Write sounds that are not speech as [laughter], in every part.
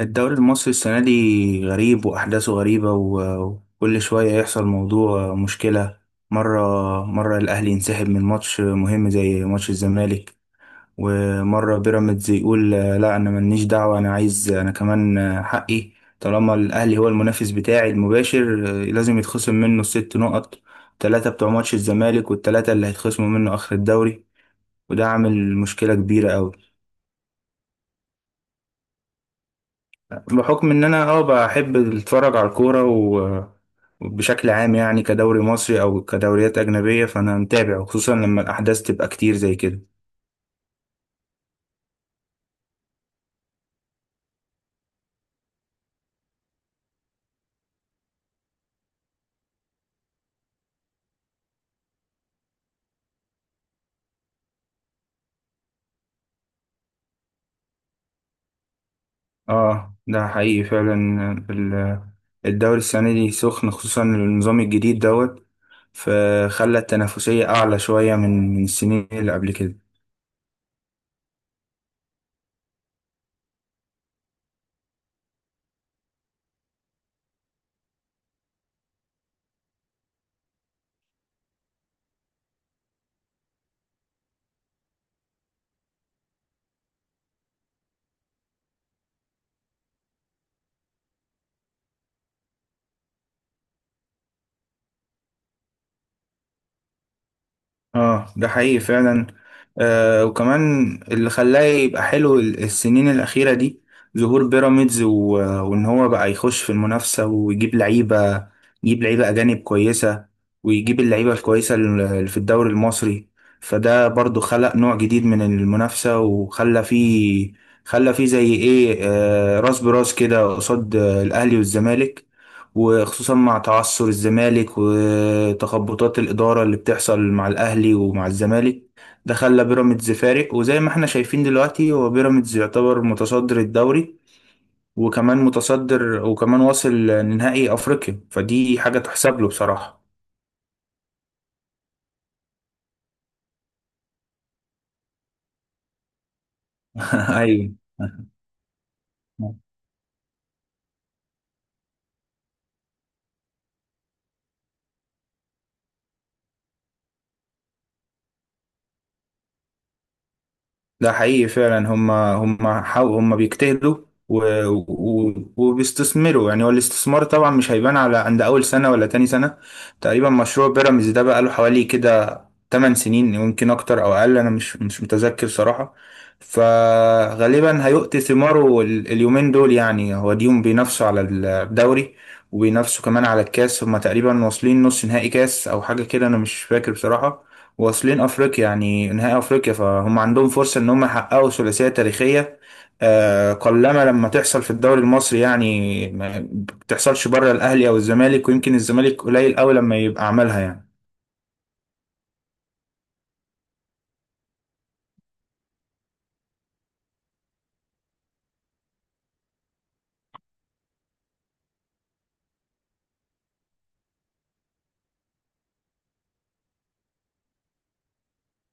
الدوري المصري السنة دي غريب وأحداثه غريبة وكل شوية يحصل موضوع مشكلة. مرة مرة الأهلي ينسحب من ماتش مهم زي ماتش الزمالك، ومرة بيراميدز يقول لا أنا ملنيش دعوة، أنا كمان حقي طالما الأهلي هو المنافس بتاعي المباشر لازم يتخصم منه الست نقط، التلاتة بتوع ماتش الزمالك والتلاتة اللي هيتخصموا منه آخر الدوري. وده عامل مشكلة كبيرة أوي. بحكم ان انا بحب اتفرج على الكوره وبشكل عام يعني كدوري مصري او كدوريات اجنبيه فانا متابع، وخصوصا لما الاحداث تبقى كتير زي كده. اه، ده حقيقي فعلا. ال- الدوري السنه دي سخن، خصوصا النظام الجديد دوت، فخلى التنافسيه اعلى شويه من السنين اللي قبل كده. اه، ده حقيقي فعلا. آه، وكمان اللي خلاه يبقى حلو السنين الأخيرة دي ظهور بيراميدز، وإن هو بقى يخش في المنافسة ويجيب لعيبة يجيب لعيبة أجانب كويسة، ويجيب اللعيبة الكويسة اللي في الدوري المصري. فده برضو خلق نوع جديد من المنافسة، وخلى فيه خلى فيه زي إيه، راس براس كده قصاد الأهلي والزمالك، وخصوصا مع تعثر الزمالك وتخبطات الإدارة اللي بتحصل مع الأهلي ومع الزمالك. ده خلى بيراميدز فارق، وزي ما احنا شايفين دلوقتي هو بيراميدز يعتبر متصدر الدوري، وكمان متصدر وكمان واصل لنهائي أفريقيا، فدي حاجة تحسب له بصراحة. [laughs] أيوه. ده حقيقي فعلا، هم بيجتهدوا و... وبيستثمروا. يعني هو الاستثمار طبعا مش هيبان على عند اول سنه ولا تاني سنه. تقريبا مشروع بيراميدز ده بقى له حوالي كده تمن سنين، يمكن اكتر او اقل، انا مش متذكر صراحة. فغالبا هيؤتي ثماره اليومين دول، يعني هو ديهم بينافسوا على الدوري وبينافسوا كمان على الكاس، هما تقريبا واصلين نص نهائي كاس او حاجة كده، انا مش فاكر بصراحة. واصلين افريقيا يعني نهائي افريقيا، فهم عندهم فرصة ان هم يحققوا ثلاثية تاريخية قلما لما تحصل في الدوري المصري. يعني ما بتحصلش بره الاهلي او الزمالك، ويمكن الزمالك قليل قوي لما يبقى عملها يعني.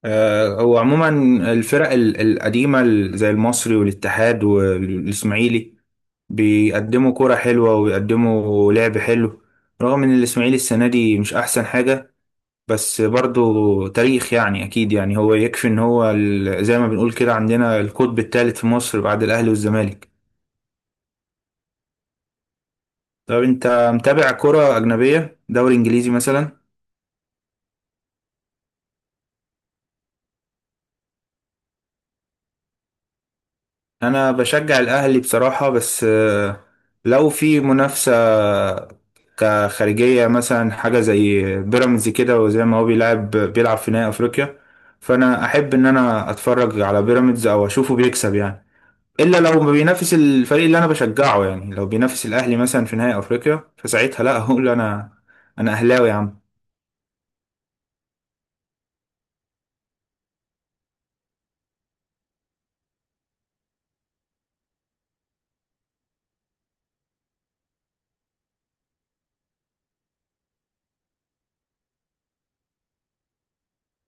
هو عموما الفرق القديمة زي المصري والاتحاد والإسماعيلي بيقدموا كرة حلوة وبيقدموا لعب حلو، رغم إن الإسماعيلي السنة دي مش أحسن حاجة، بس برضو تاريخ يعني أكيد. يعني هو يكفي إن هو زي ما بنقول كده عندنا القطب الثالث في مصر بعد الأهلي والزمالك. طب أنت متابع كرة أجنبية، دوري إنجليزي مثلا؟ انا بشجع الاهلي بصراحة، بس لو في منافسة كخارجية مثلا حاجة زي بيراميدز كده، وزي ما هو بيلعب بيلعب في نهائي افريقيا، فانا احب ان انا اتفرج على بيراميدز او اشوفه بيكسب يعني. الا لو ما بينافس الفريق اللي انا بشجعه، يعني لو بينافس الاهلي مثلا في نهائي افريقيا فساعتها لا، هقول انا انا اهلاوي يا عم.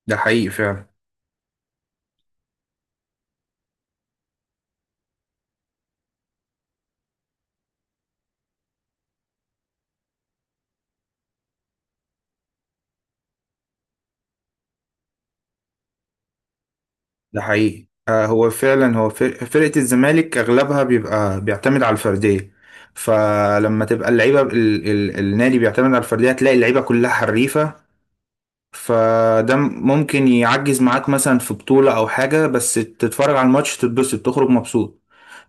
ده حقيقي فعلا. ده حقيقي. آه، هو فعلا هو فرقة الزمالك أغلبها بيبقى بيعتمد على الفردية، فلما تبقى اللعيبة ال ال النادي بيعتمد على الفردية هتلاقي اللعيبة كلها حريفة. فده ممكن يعجز معاك مثلا في بطولة أو حاجة، بس تتفرج على الماتش تتبسط تخرج مبسوط.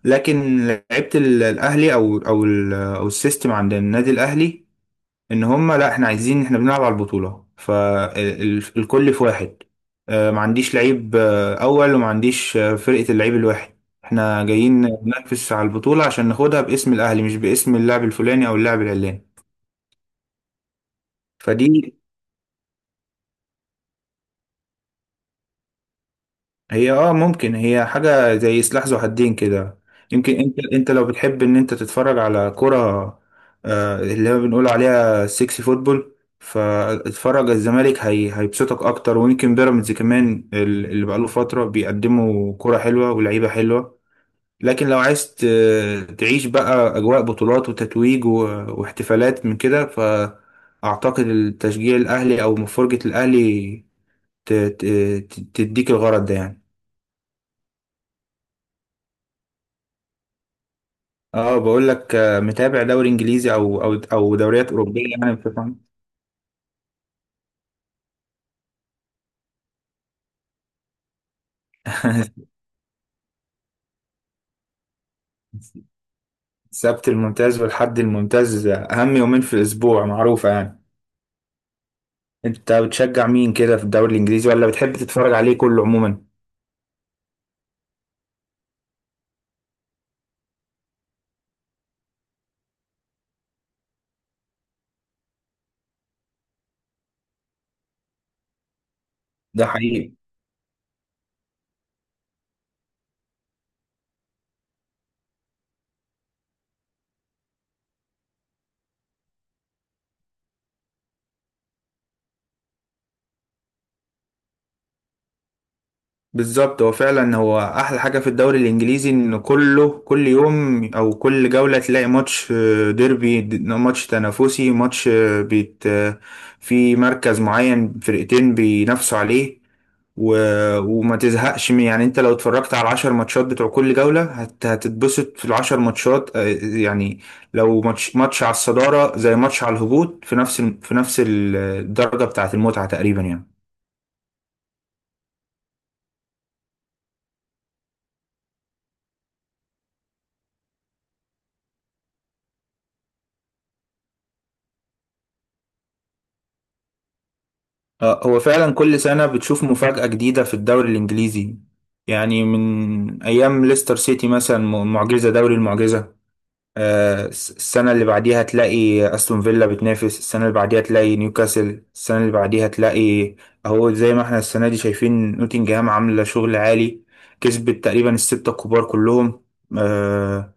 لكن لعيبة الأهلي أو أو أو السيستم عند النادي الأهلي ان هم لا، احنا عايزين احنا بنلعب على البطولة، فالكل في واحد. ما عنديش لعيب اول، وما عنديش فرقة اللعيب الواحد، احنا جايين ننافس على البطولة عشان ناخدها باسم الاهلي مش باسم اللاعب الفلاني او اللاعب العلاني. فدي هي، ممكن هي حاجة زي سلاح ذو حدين كده. يمكن انت لو بتحب ان انت تتفرج على كرة اللي هو بنقول عليها سيكسي فوتبول، فاتفرج على الزمالك هي هيبسطك اكتر، ويمكن بيراميدز كمان اللي بقاله فترة بيقدموا كرة حلوة ولعيبة حلوة. لكن لو عايز تعيش بقى اجواء بطولات وتتويج واحتفالات من كده، فاعتقد التشجيع الاهلي او مفرجة الاهلي ت- ت- تديك الغرض ده يعني. اه، بقول لك متابع دوري انجليزي او دوريات اوروبيه يعني بشكل عام. [laughs] السبت الممتاز والحد الممتاز اهم يومين في الاسبوع معروفه يعني. انت بتشجع مين كده في الدوري الانجليزي، ولا بتحب تتفرج عليه كله عموما؟ ده حقيقي. بالظبط، هو فعلا هو احلى حاجه في الدوري الانجليزي ان كله كل يوم او كل جوله تلاقي ماتش ديربي، ماتش تنافسي، ماتش بيت في مركز معين فرقتين بينافسوا عليه، و... وما تزهقش من. يعني انت لو اتفرجت على العشر ماتشات بتوع كل جولة هتتبسط في العشر ماتشات يعني. لو ماتش ماتش على الصدارة زي ماتش على الهبوط في نفس في نفس الدرجة بتاعة المتعة تقريبا يعني. هو فعلا كل سنة بتشوف مفاجأة جديدة في الدوري الإنجليزي، يعني من أيام ليستر سيتي مثلا، معجزة دوري المعجزة. السنة اللي بعديها تلاقي أستون فيلا بتنافس، السنة اللي بعديها تلاقي نيوكاسل، السنة اللي بعديها تلاقي أهو زي ما احنا السنة دي شايفين نوتنجهام عاملة شغل عالي، كسبت تقريبا الستة الكبار كلهم. آه،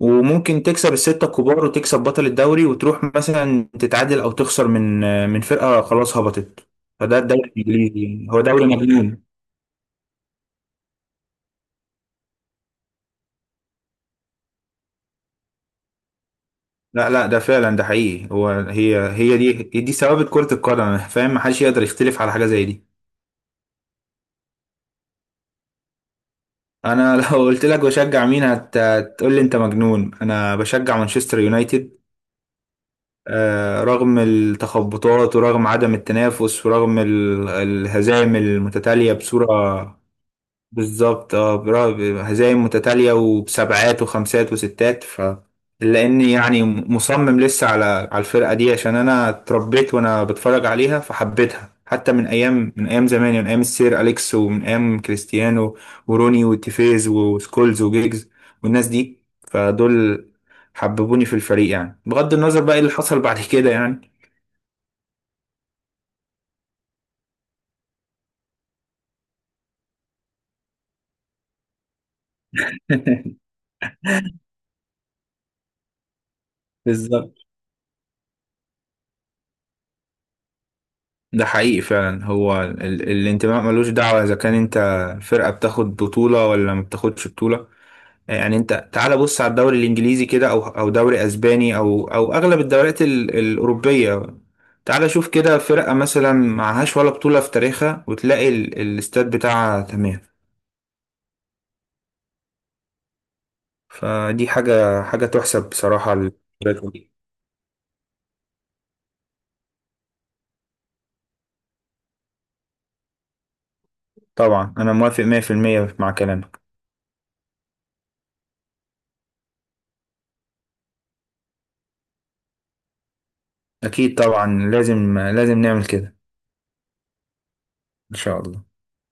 وممكن تكسب الستة الكبار وتكسب بطل الدوري وتروح مثلا تتعادل أو تخسر من فرقة خلاص هبطت. فده الدوري الإنجليزي يعني. هو دوري مجنون. لا لا، ده فعلا ده حقيقي هو هي دي ثوابت كرة القدم فاهم، محدش يقدر يختلف على حاجة زي دي. أنا [laughs] لو قلت لك بشجع مين هتقول لي أنت مجنون، أنا بشجع مانشستر يونايتد. رغم التخبطات ورغم عدم التنافس ورغم الهزائم المتتالية بصورة. بالظبط، اه، هزايم متتالية وبسبعات وخمسات وستات ف لاني يعني مصمم لسه على الفرقة دي عشان انا اتربيت وانا بتفرج عليها فحبيتها، حتى من ايام زمان يعني من ايام السير اليكس ومن ايام كريستيانو وروني وتيفيز وسكولز وجيجز والناس دي. فدول حببوني في الفريق يعني، بغض النظر بقى ايه اللي حصل بعد كده يعني. [laughs] بالظبط. ده حقيقي فعلا هو الانتماء ملوش دعوة إذا كان أنت فرقة بتاخد بطولة ولا ما بتاخدش بطولة. يعني أنت تعال بص على الدوري الإنجليزي كده أو دوري أسباني أو أغلب الدوريات الأوروبية. تعال شوف كده فرقة مثلا معهاش ولا بطولة في تاريخها، وتلاقي الاستاد بتاعها تمام. فدي حاجة تحسب بصراحة للفرقة دي. طبعا أنا موافق 100% مع كلامك. أكيد طبعا، لازم لازم نعمل كده. إن شاء الله.